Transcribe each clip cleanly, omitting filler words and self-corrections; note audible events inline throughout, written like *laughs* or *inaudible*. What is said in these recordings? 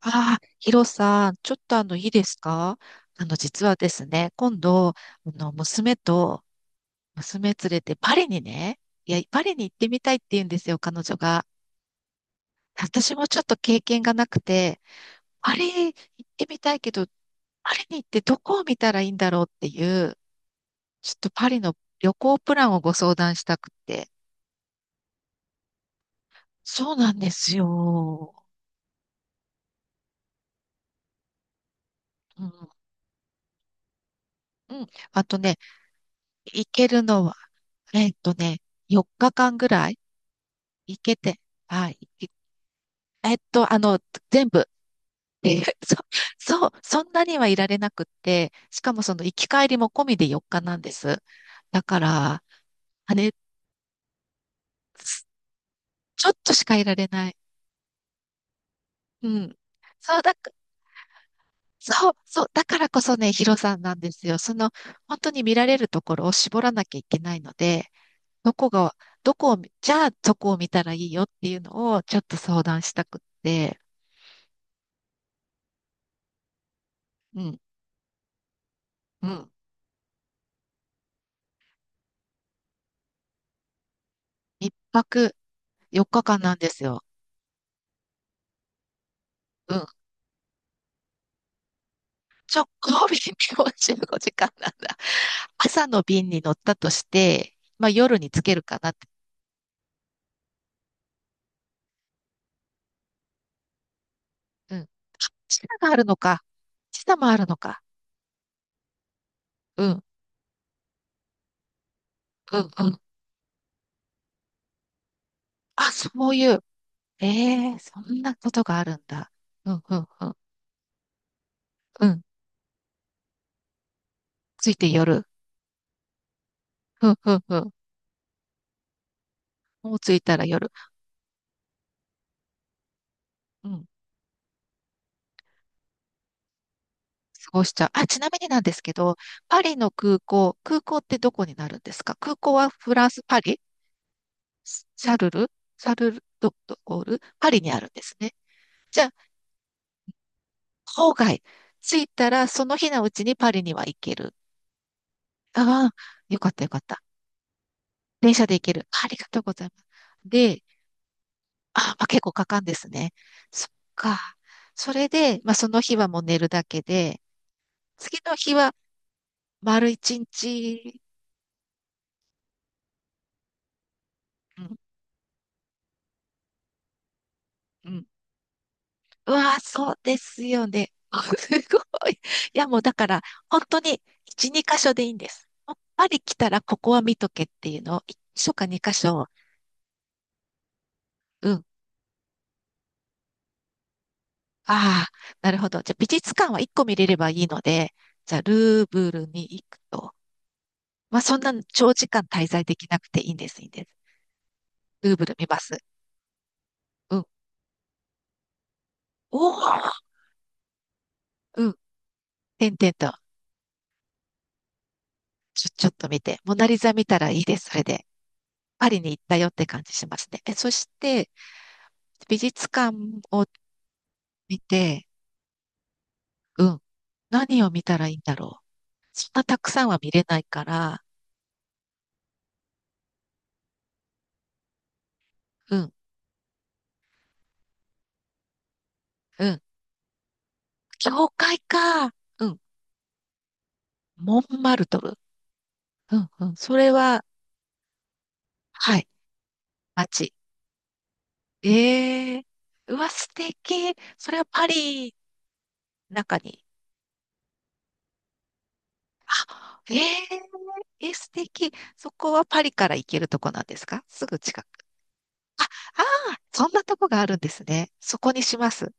ああ、ヒロさん、ちょっといいですか？実はですね、今度、娘と、娘連れてパリにね、いや、パリに行ってみたいって言うんですよ、彼女が。私もちょっと経験がなくて、パリ行ってみたいけど、パリに行ってどこを見たらいいんだろうっていう、ちょっとパリの旅行プランをご相談したくて。そうなんですよ。うん、うん。あとね、行けるのは、えっとね、4日間ぐらい。いけて、はい。えっと、あの、全部。えー *laughs* そ、そう、そんなにはいられなくって、しかもその行き帰りも込みで4日なんです。だから、あれ、すちょっとしかいられない。うん。そうだか、そう、そう、だからこそね、ヒロさんなんですよ。その、本当に見られるところを絞らなきゃいけないので、どこが、どこを見、じゃあどこを見たらいいよっていうのをちょっと相談したくって、うん、うん。一泊4日間なんですよ。うん。直行便45時間なんだ。朝の便に乗ったとして、まあ夜につけるかなって。うん。あ、時差があるのか。時差もあるのか。うん、うん、うん。あ、そういう。ええ、そんなことがあるんだ。うん、うん、うん。うん。ついて夜。うん、うん、うん。もう着いたら夜。うん。過ごしちゃう。あ、ちなみになんですけど、パリの空港、空港ってどこになるんですか？空港はフランス、パリ、シャルル、シャルルドゴール、パリにあるんですね。じゃあ、郊外、着いたらその日のうちにパリには行ける。ああ、よかった、よかった。電車で行ける。ありがとうございます。で、あ、まあ、結構かかんですね。そっか。それで、まあ、その日はもう寝るだけで、次の日は丸一日、うん、うわー、そうですよね。*laughs* すごい。いや、もうだから、本当に1、2箇所でいいんです。やっぱり来たらここは見とけっていうのを、1箇所か2箇所、うん。ああ、なるほど。じゃあ、美術館は1個見れればいいので、じゃあ、ルーブルに行くと。まあ、そんな長時間滞在できなくていいんです、いいんです。ルーブル見ます。うん。おお、うん。てんてんと、ちょっと見て。モナリザ見たらいいです、それで。パリに行ったよって感じしますね。そして、美術館を見て、うん、何を見たらいいんだろう。そんなたくさんは見れないから、うん、うん、教会か、うん、モンマルトル。うん、うん、それは、はい、街。ええ、うわ、素敵。それはパリの中に。あ、えええ、素敵。そこはパリから行けるとこなんですか？すぐ近く。あ、ああ、そんなとこがあるんですね。そこにします。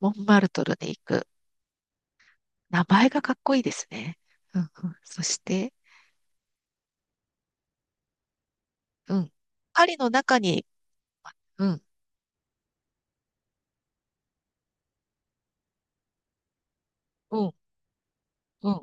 モンマルトルに行く。名前がかっこいいですね。うん、うん、そして、うん。パリの中に、うん、うん、うん、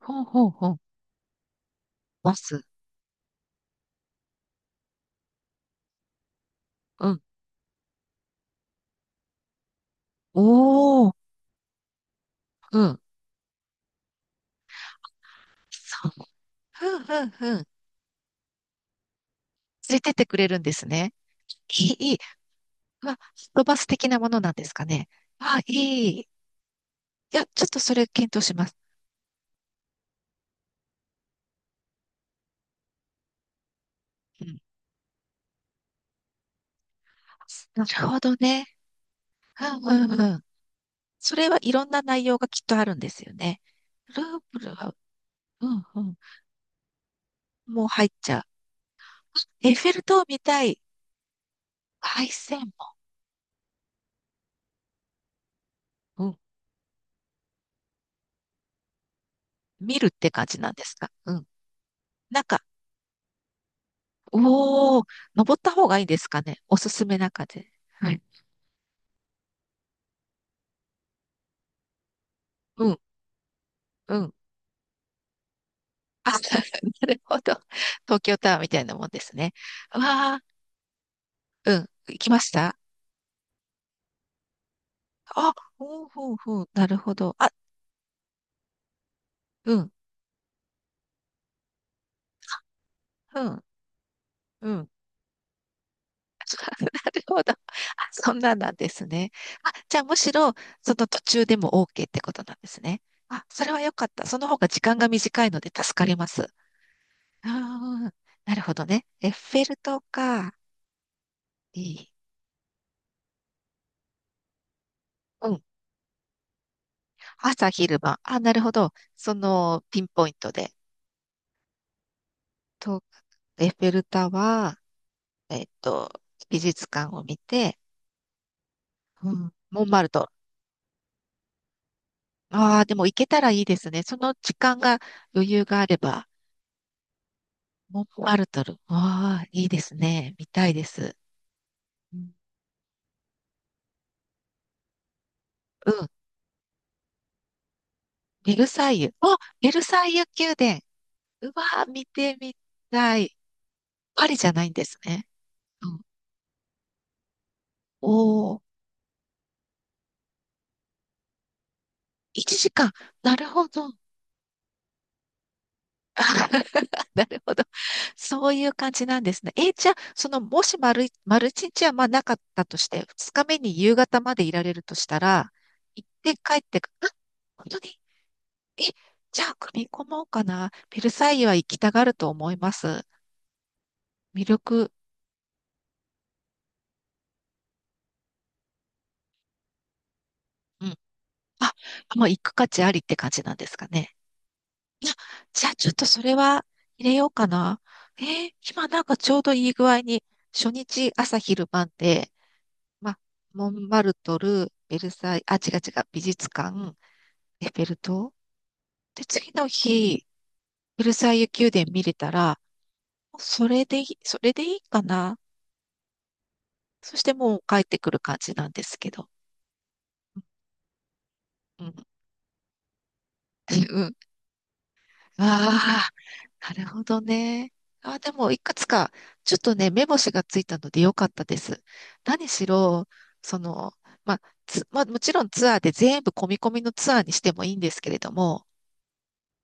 ほんほんほん、バス、うん、おー、うん、そう、ふんふんふん、ついてってくれるんですね。いい、いい。まあ、すっとバス的なものなんですかね。あ、いい。いや、ちょっとそれ検討します。うん。なるほどね。うん、うん、うん。それはいろんな内容がきっとあるんですよね。ループルは、うん、うん。もう入っちゃう。エッフェル塔見たい。凱旋門。うん。見るって感じなんですか？うん。なんか、おー、登った方がいいですかね？おすすめな感じ。はい。うん、うん。あ、*laughs* なるほど。東京タワーみたいなもんですね。うわあ、うん。行きましたあ、うん、うん、うん。なるほど。あ、うん、うん、うん。*laughs* なるほど。あ、そんなんなんですね。あ、じゃあむしろ、その途中でも OK ってことなんですね。あ、それは良かった。その方が時間が短いので助かります。あー、なるほどね。エッフェル塔か。いい。うん。朝昼晩。あ、なるほど。そのピンポイントで。と、エッフェル塔は、えっと、美術館を見て、うん。モンマルト。ああ、でも行けたらいいですね。その時間が余裕があれば。モンマルトル。わあ、いいですね。見たいです。うん。うん、ベルサイユ。あ、ベルサイユ宮殿。うわあ、見てみたい。パリじゃないんですね。うん。おお、1時間。なるほど。*laughs* なるほど。そういう感じなんですね。じゃあ、その、もし丸一日はまあなかったとして、二日目に夕方までいられるとしたら、行って帰ってく、あ、本当にえ、じゃあ、組み込もうかな。ベルサイユは行きたがると思います。魅力、うん。あ、もう行く価値ありって感じなんですかね。いや、じゃあ、ちょっとそれは入れようかな。今なんかちょうどいい具合に、初日朝昼晩で、ま、モンマルトル、ベルサイユ、あ、違う、違う、美術館、エッフェル塔。で、次の日、ベルサイユ宮殿見れたら、もうそれでいい、それでいいかな。そしてもう帰ってくる感じなんですけど。うん、うん。ああ、なるほどね。ああ、でも、いくつか、ちょっとね、目星がついたのでよかったです。何しろ、その、まあ、まあ、もちろんツアーで全部込み込みのツアーにしてもいいんですけれども、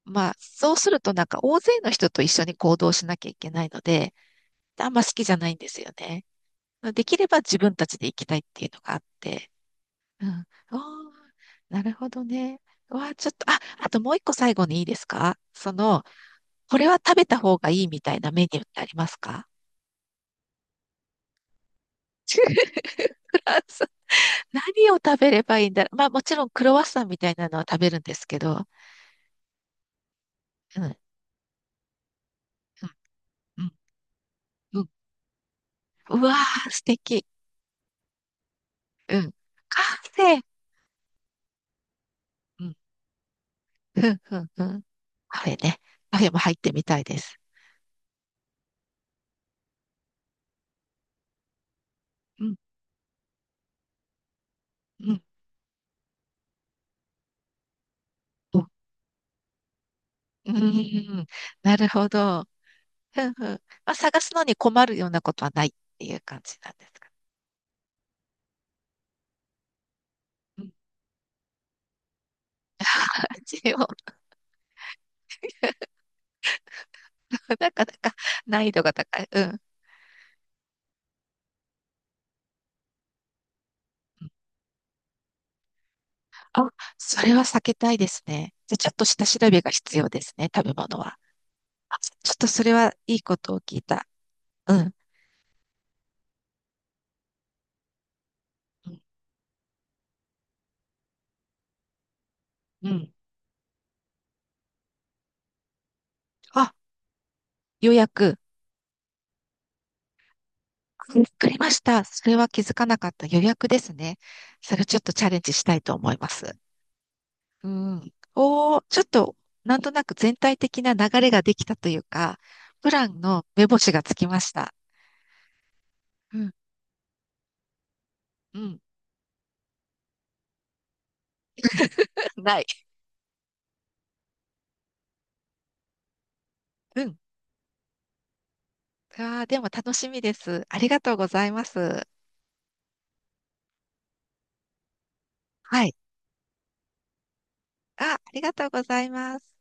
まあ、そうするとなんか大勢の人と一緒に行動しなきゃいけないので、あんま好きじゃないんですよね。できれば自分たちで行きたいっていうのがあって。うん。おー、なるほどね。わあ、ちょっと、あ、あともう一個最後にいいですか？その、これは食べた方がいいみたいなメニューってありますか？フランス、何を食べればいいんだろう。まあもちろんクロワッサンみたいなのは食べるんですけど。うん、うん、うん、うん。うわー、素敵。うん。カフェ。うん、うん、うん、うん。カフェね。カフェも入ってみたいです。うん、うん、うん。うん、なるほど。ふんふん。まあ探すのに困るようなことはないっていう感じなんですか？うん。*laughs* 味を、なかなか難易度が高い。うん。あ、それは避けたいですね。じゃあ、ちょっと下調べが必要ですね、食べ物は。あ、ちょっとそれはいいことを聞いた。うん。うん。あ、予約。わかりました。それは気づかなかった予約ですね。それちょっとチャレンジしたいと思います。うん。おー、ちょっと、なんとなく全体的な流れができたというか、プランの目星がつきました。うん。うん。*laughs* ない。うん。あー、でも楽しみです。ありがとうございます。はい。あ、ありがとうございます。